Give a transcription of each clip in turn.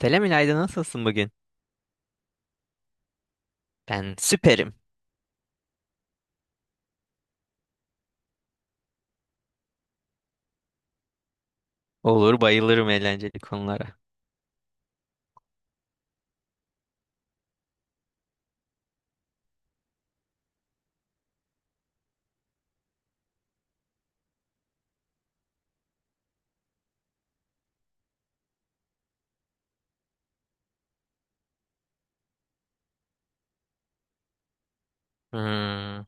Selam İlayda, nasılsın bugün? Ben süperim. Olur, bayılırım eğlenceli konulara. Hmm,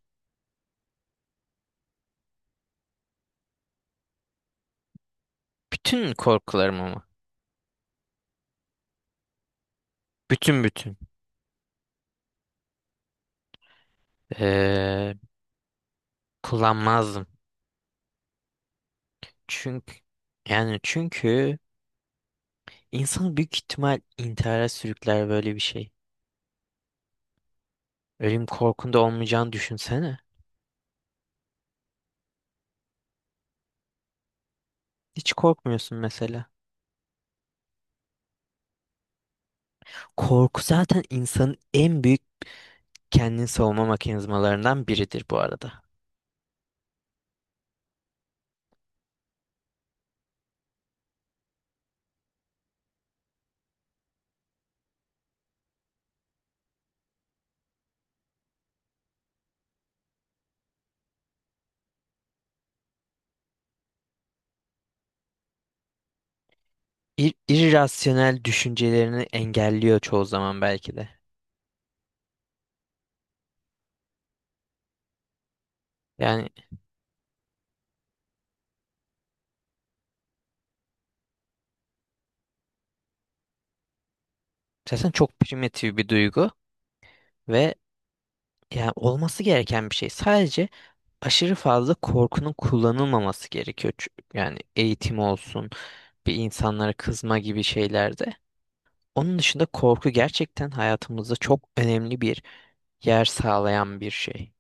bütün korkularımı mı? Bütün bütün. Ee, Kullanmazdım. Çünkü çünkü insan büyük ihtimal intihara sürükler böyle bir şey. Ölüm korkunda olmayacağını düşünsene. Hiç korkmuyorsun mesela. Korku zaten insanın en büyük kendini savunma mekanizmalarından biridir bu arada. İr irrasyonel düşüncelerini engelliyor çoğu zaman belki de. Yani zaten çok primitif bir duygu ve yani olması gereken bir şey. Sadece aşırı fazla korkunun kullanılmaması gerekiyor. Yani eğitim olsun, bir insanlara kızma gibi şeylerde. Onun dışında korku gerçekten hayatımızda çok önemli bir yer sağlayan bir şey.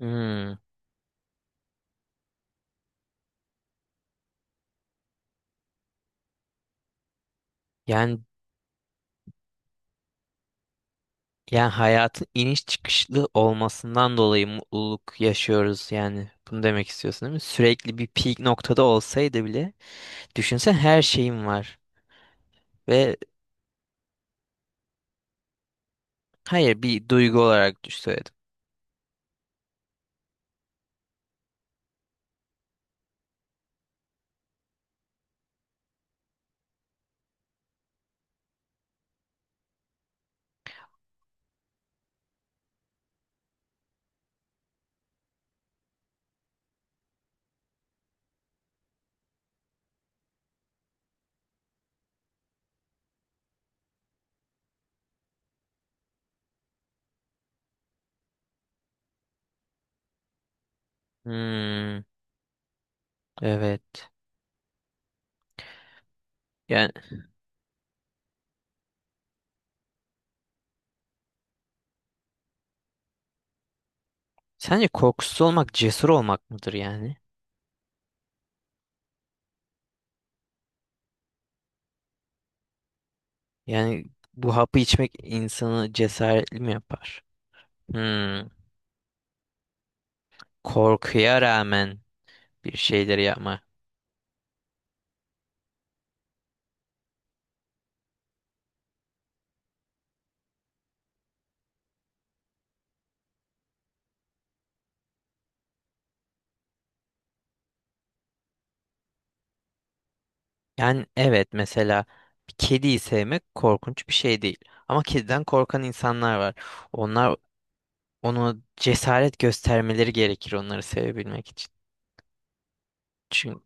Hmm. Yani yani hayatın iniş çıkışlı olmasından dolayı mutluluk yaşıyoruz yani. Bunu demek istiyorsun değil mi? Sürekli bir peak noktada olsaydı bile, düşünsen her şeyim var ve... Hayır, bir duygu olarak düş söyledim. Hmm, evet. Yani sence korkusuz olmak cesur olmak mıdır yani? Yani bu hapı içmek insanı cesaretli mi yapar? Hmm, korkuya rağmen bir şeyleri yapma. Yani evet, mesela bir kediyi sevmek korkunç bir şey değil. Ama kediden korkan insanlar var. Onlar, onu cesaret göstermeleri gerekir onları sevebilmek için.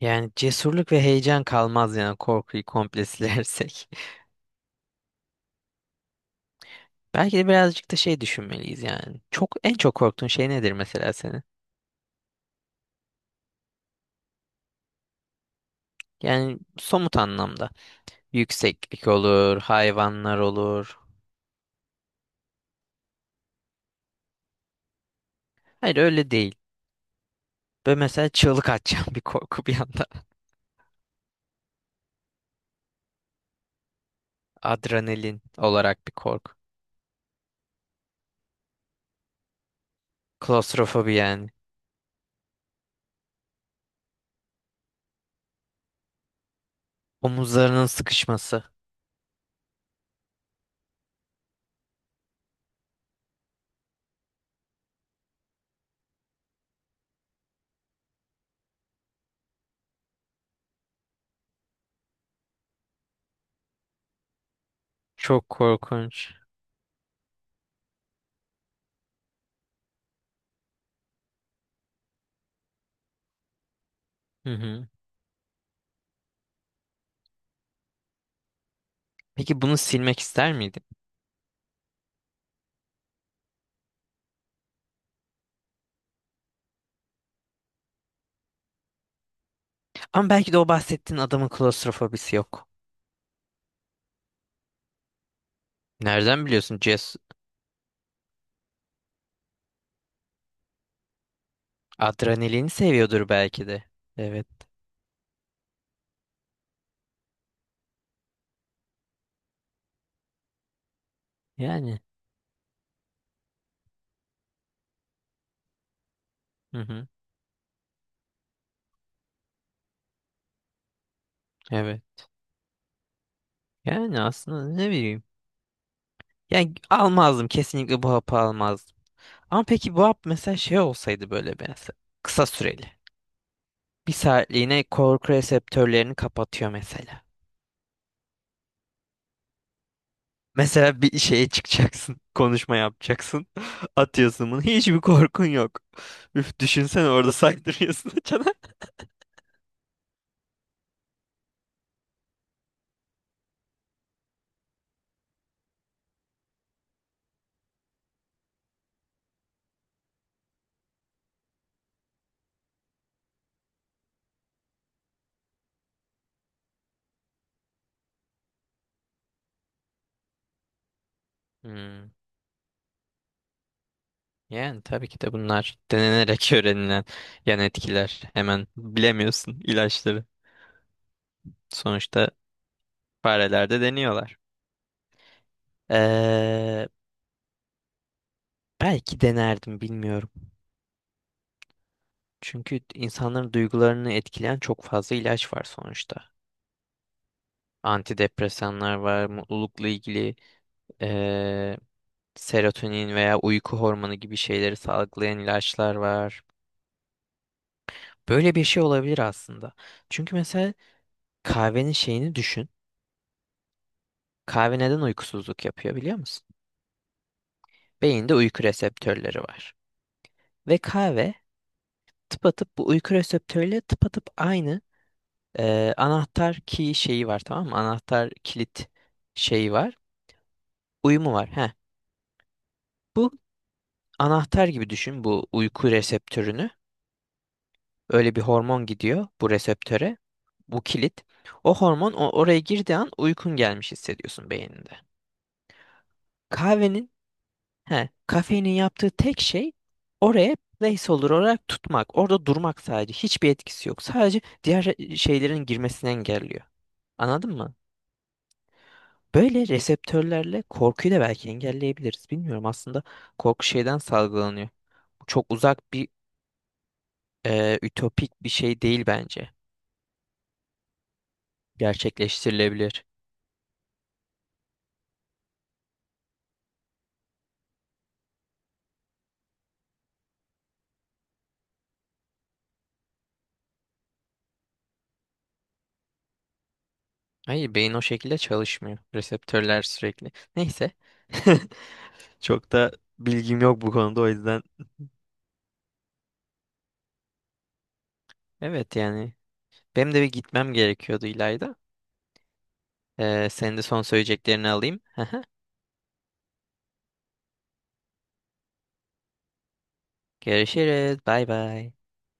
Yani cesurluk ve heyecan kalmaz yani korkuyu komple silersek. Belki de birazcık da şey düşünmeliyiz yani. Çok, en çok korktuğun şey nedir mesela senin? Yani somut anlamda. Yükseklik olur, hayvanlar olur. Hayır, öyle değil. Böyle mesela çığlık atacağım bir korku bir anda. Adrenalin olarak bir korku. Klostrofobi yani. Omuzlarının sıkışması. Çok korkunç. Hı hı. Peki bunu silmek ister miydin? Ama belki de o bahsettiğin adamın klostrofobisi yok. Nereden biliyorsun? Adrenalini seviyordur belki de. Evet. Yani. Hı hı. Evet. Yani aslında ne bileyim. Yani almazdım. Kesinlikle bu hapı almazdım. Ama peki bu hap mesela şey olsaydı böyle mesela. Kısa süreli. Bir saatliğine korku reseptörlerini kapatıyor mesela. Mesela bir şeye çıkacaksın. Konuşma yapacaksın. Atıyorsun bunu. Hiçbir korkun yok. Üf, düşünsene, orada saydırıyorsun açana. Hmm. Yani tabii ki de bunlar denenerek öğrenilen yan etkiler. Hemen bilemiyorsun ilaçları. Sonuçta farelerde deniyorlar. Ee, Belki denerdim, bilmiyorum. Çünkü insanların duygularını etkileyen çok fazla ilaç var sonuçta. Antidepresanlar var, mutlulukla ilgili ee, serotonin veya uyku hormonu gibi şeyleri salgılayan ilaçlar var. Böyle bir şey olabilir aslında. Çünkü mesela kahvenin şeyini düşün. Kahve neden uykusuzluk yapıyor biliyor musun? Beyinde uyku reseptörleri var. Ve kahve tıpatıp bu uyku reseptörüyle tıpatıp aynı anahtar key şeyi var, tamam mı? Anahtar kilit şeyi var. Uyumu var. Heh. Bu, anahtar gibi düşün bu uyku reseptörünü. Öyle bir hormon gidiyor bu reseptöre. Bu kilit. Oraya girdiği an uykun gelmiş hissediyorsun beyninde. Kahvenin... He, kafeinin yaptığı tek şey oraya placeholder olarak tutmak. Orada durmak sadece. Hiçbir etkisi yok. Sadece şeylerin girmesini engelliyor. Anladın mı? Böyle reseptörlerle korkuyu da belki engelleyebiliriz. Bilmiyorum aslında korku şeyden salgılanıyor. Bu çok uzak bir ütopik bir şey değil bence. Gerçekleştirilebilir. Hayır, beyin o şekilde çalışmıyor. Reseptörler sürekli. Neyse. Çok da bilgim yok bu konuda o yüzden. Evet yani. Benim de bir gitmem gerekiyordu İlayda. Senin de son söyleyeceklerini alayım. Görüşürüz. Bay bay.